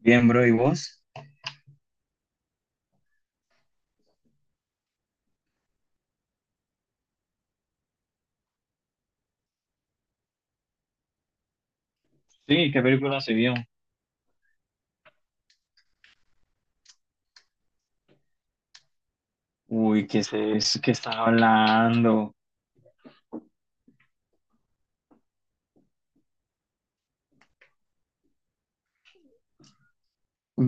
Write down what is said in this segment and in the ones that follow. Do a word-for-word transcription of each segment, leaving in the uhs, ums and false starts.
Bien, bro, ¿y vos? Sí, ¿qué película se vio? Uy, ¿qué es eso? ¿Qué están hablando?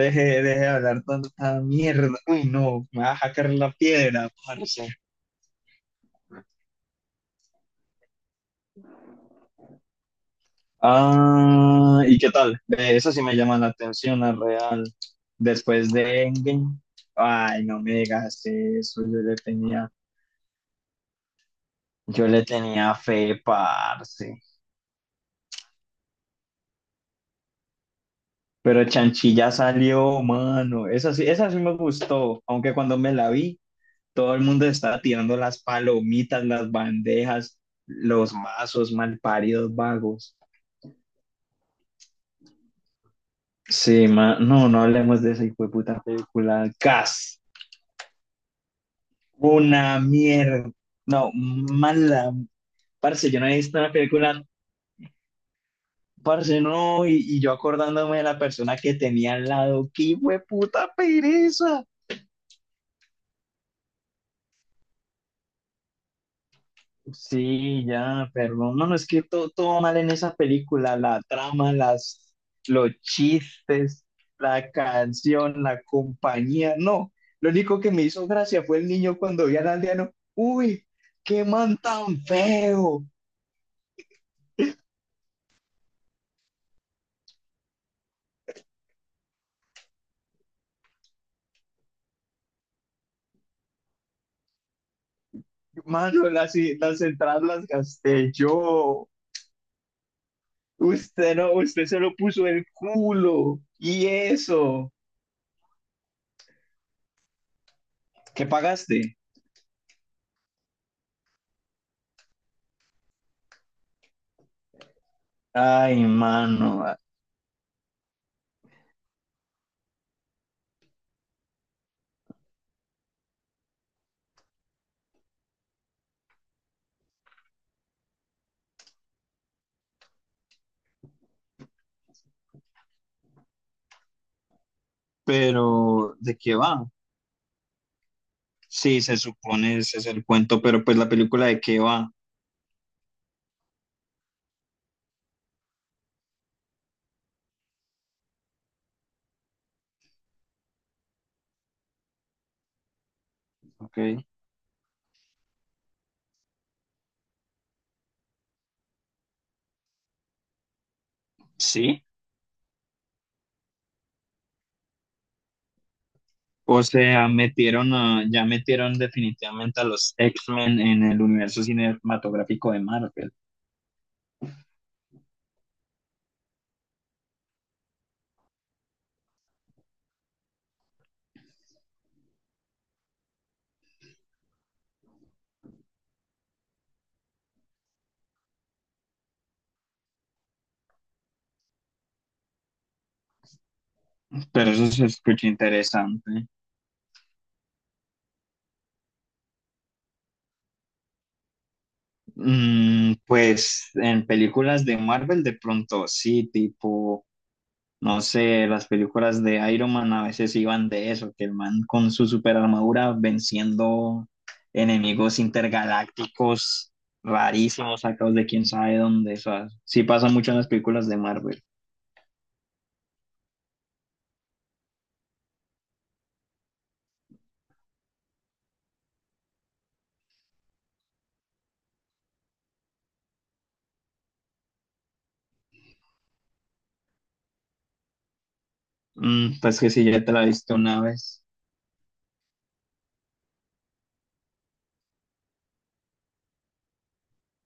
Deje, deje de hablar tanta mierda. Uy, no, me va a sacar la piedra, parce. Ah, ¿y qué tal? De eso sí me llama la atención, la real. Después de Endgame, ay, no me digas eso, yo le tenía, yo le tenía fe, parce. Pero Chanchilla salió, mano. Esa sí, esa sí me gustó, aunque cuando me la vi, todo el mundo estaba tirando las palomitas, las bandejas, los vasos malparidos vagos. Sí, ma- no, no hablemos de esa hijueputa película. Gas, una mierda. No, mala. Parce, yo no he visto una película, parce, no, y, y yo acordándome de la persona que tenía al lado. ¡Qué hijueputa pereza! Sí, ya, pero no, no, no, es que todo, todo mal en esa película, la trama, las, los chistes, la canción, la compañía, no, lo único que me hizo gracia fue el niño cuando vi al aldeano, uy, qué man tan feo, mano. Las, las entradas las gasté yo, usted no, usted se lo puso el culo, y eso, ¿qué pagaste? Ay, mano. Pero, ¿de qué va? Sí, se supone ese es el cuento, pero pues la película de qué va, ¿ok? Sí. O sea, metieron a, ya metieron definitivamente a los X-Men en el universo cinematográfico de Marvel. Pero eso se escucha interesante. Mm, pues en películas de Marvel de pronto sí, tipo, no sé, las películas de Iron Man a veces iban de eso, que el man con su super armadura venciendo enemigos intergalácticos rarísimos, sacados de quién sabe dónde. O sea, sí pasa mucho en las películas de Marvel. Mm, pues que si ya te la viste una vez.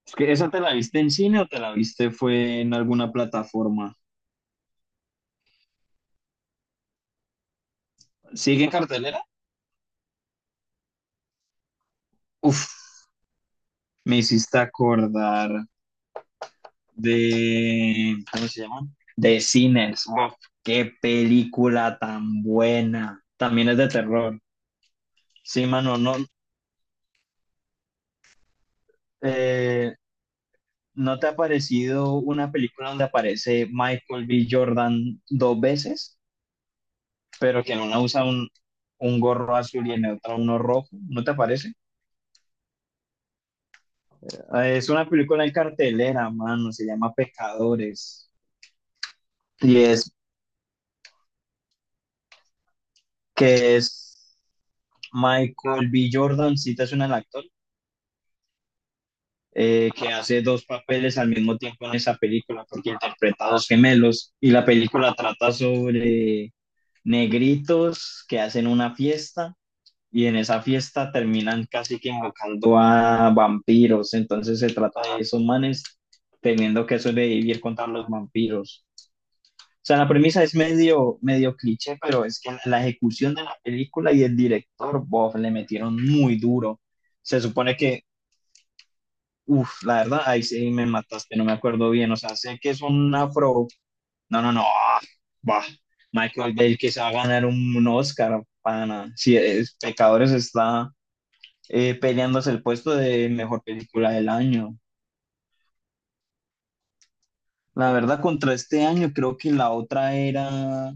Es que ¿esa te la viste en cine o te la viste fue en alguna plataforma? ¿Sigue en cartelera? Uf, me hiciste acordar de, ¿cómo se llama?, de Sinners. Uf, qué película tan buena. También es de terror. Sí, mano, no, eh, ¿no te ha parecido una película donde aparece Michael B. Jordan dos veces, pero que en una usa un, un gorro azul y en otra uno rojo? ¿No te parece? Eh, Es una película en cartelera, mano, se llama Pecadores. Y es que es Michael B. Jordan, si te suena el actor. Eh, que hace dos papeles al mismo tiempo en esa película, porque interpreta a dos gemelos y la película trata sobre negritos que hacen una fiesta y en esa fiesta terminan casi que invocando a vampiros, entonces se trata de esos manes teniendo que sobrevivir contra los vampiros. O sea, la premisa es medio, medio cliché, pero es que la ejecución de la película y el director, Bob, le metieron muy duro. Se supone que Uf, la verdad, ahí sí me mataste, no me acuerdo bien. O sea, sé que es un afro. No, no, no. ah, Bah, Michael Bell que se va a ganar un, un Oscar, pana. Si es, Pecadores está eh, peleándose el puesto de mejor película del año. La verdad, contra este año, creo que la otra era.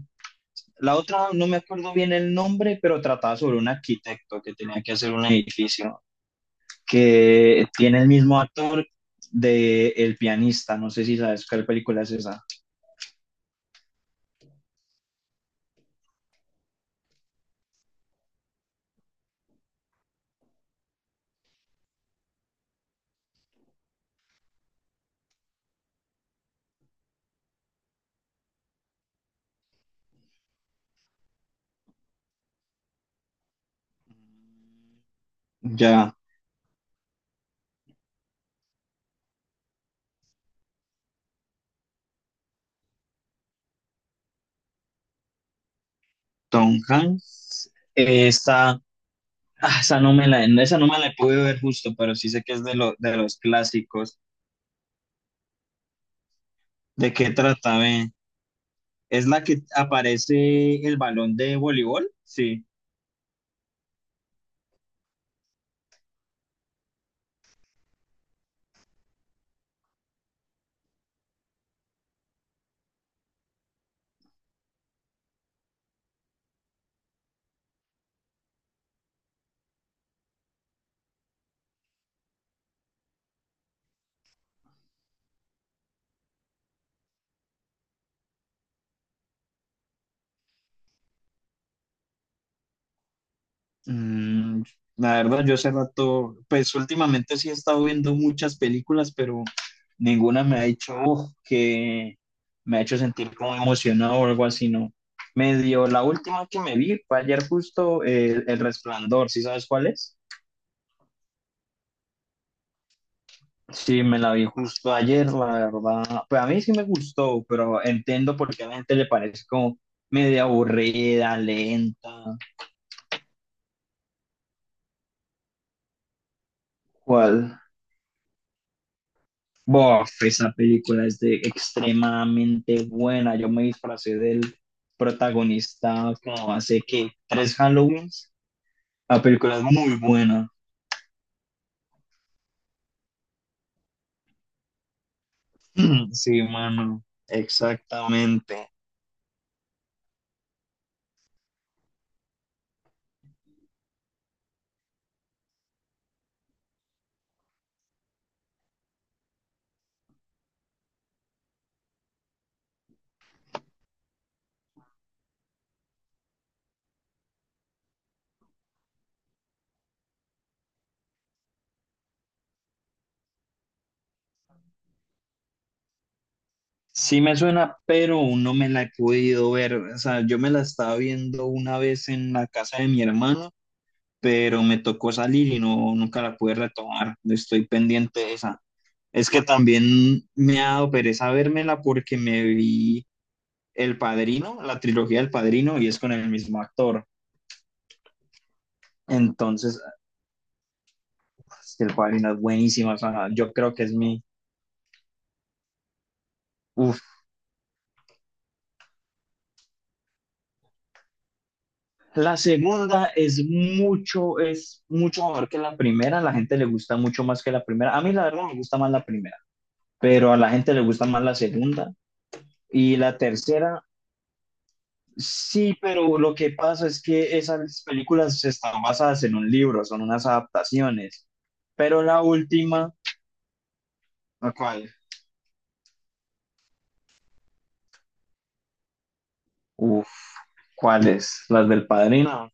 La otra, no me acuerdo bien el nombre, pero trataba sobre un arquitecto que tenía que hacer un edificio que tiene el mismo actor de El pianista. No sé si sabes cuál película es esa. Ya. Tom Hanks, eh, esa, ah, esa no me la, esa no me la pude ver justo, pero sí sé que es de, lo- de los clásicos. ¿De qué trata, ve? ¿Es la que aparece el balón de voleibol? Sí. Mm, la verdad, yo hace rato, pues últimamente sí he estado viendo muchas películas, pero ninguna me ha hecho "Uf", que me ha hecho sentir como emocionado o algo así, ¿no? Medio, la última que me vi fue ayer justo eh, El Resplandor, ¿sí sabes cuál es? Sí, me la vi justo ayer, la verdad. Pues a mí sí me gustó, pero entiendo por qué a la gente le parece como media aburrida, lenta. ¿Cuál? Bof, esa película es de extremadamente buena. Yo me disfracé del protagonista como hace que tres Halloweens. La película es muy buena. Sí, mano, exactamente. Sí me suena, pero no me la he podido ver. O sea, yo me la estaba viendo una vez en la casa de mi hermano, pero me tocó salir y no, nunca la pude retomar. Estoy pendiente de esa. Es que también me ha dado pereza vérmela porque me vi El Padrino, la trilogía del Padrino, y es con el mismo actor. Entonces, el Padrino es buenísima, o sea, yo creo que es mi... Uf. La segunda es mucho, es mucho mejor que la primera, a la gente le gusta mucho más que la primera. A mí la verdad me gusta más la primera, pero a la gente le gusta más la segunda. Y la tercera, sí, pero lo que pasa es que esas películas están basadas en un libro, son unas adaptaciones. Pero la última, ¿la cuál? Uf, ¿cuáles? ¿Las del padrino?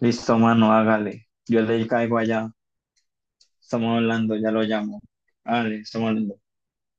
Listo, mano, hágale. Yo le caigo allá. Estamos hablando, ya lo llamo. Hágale, estamos hablando.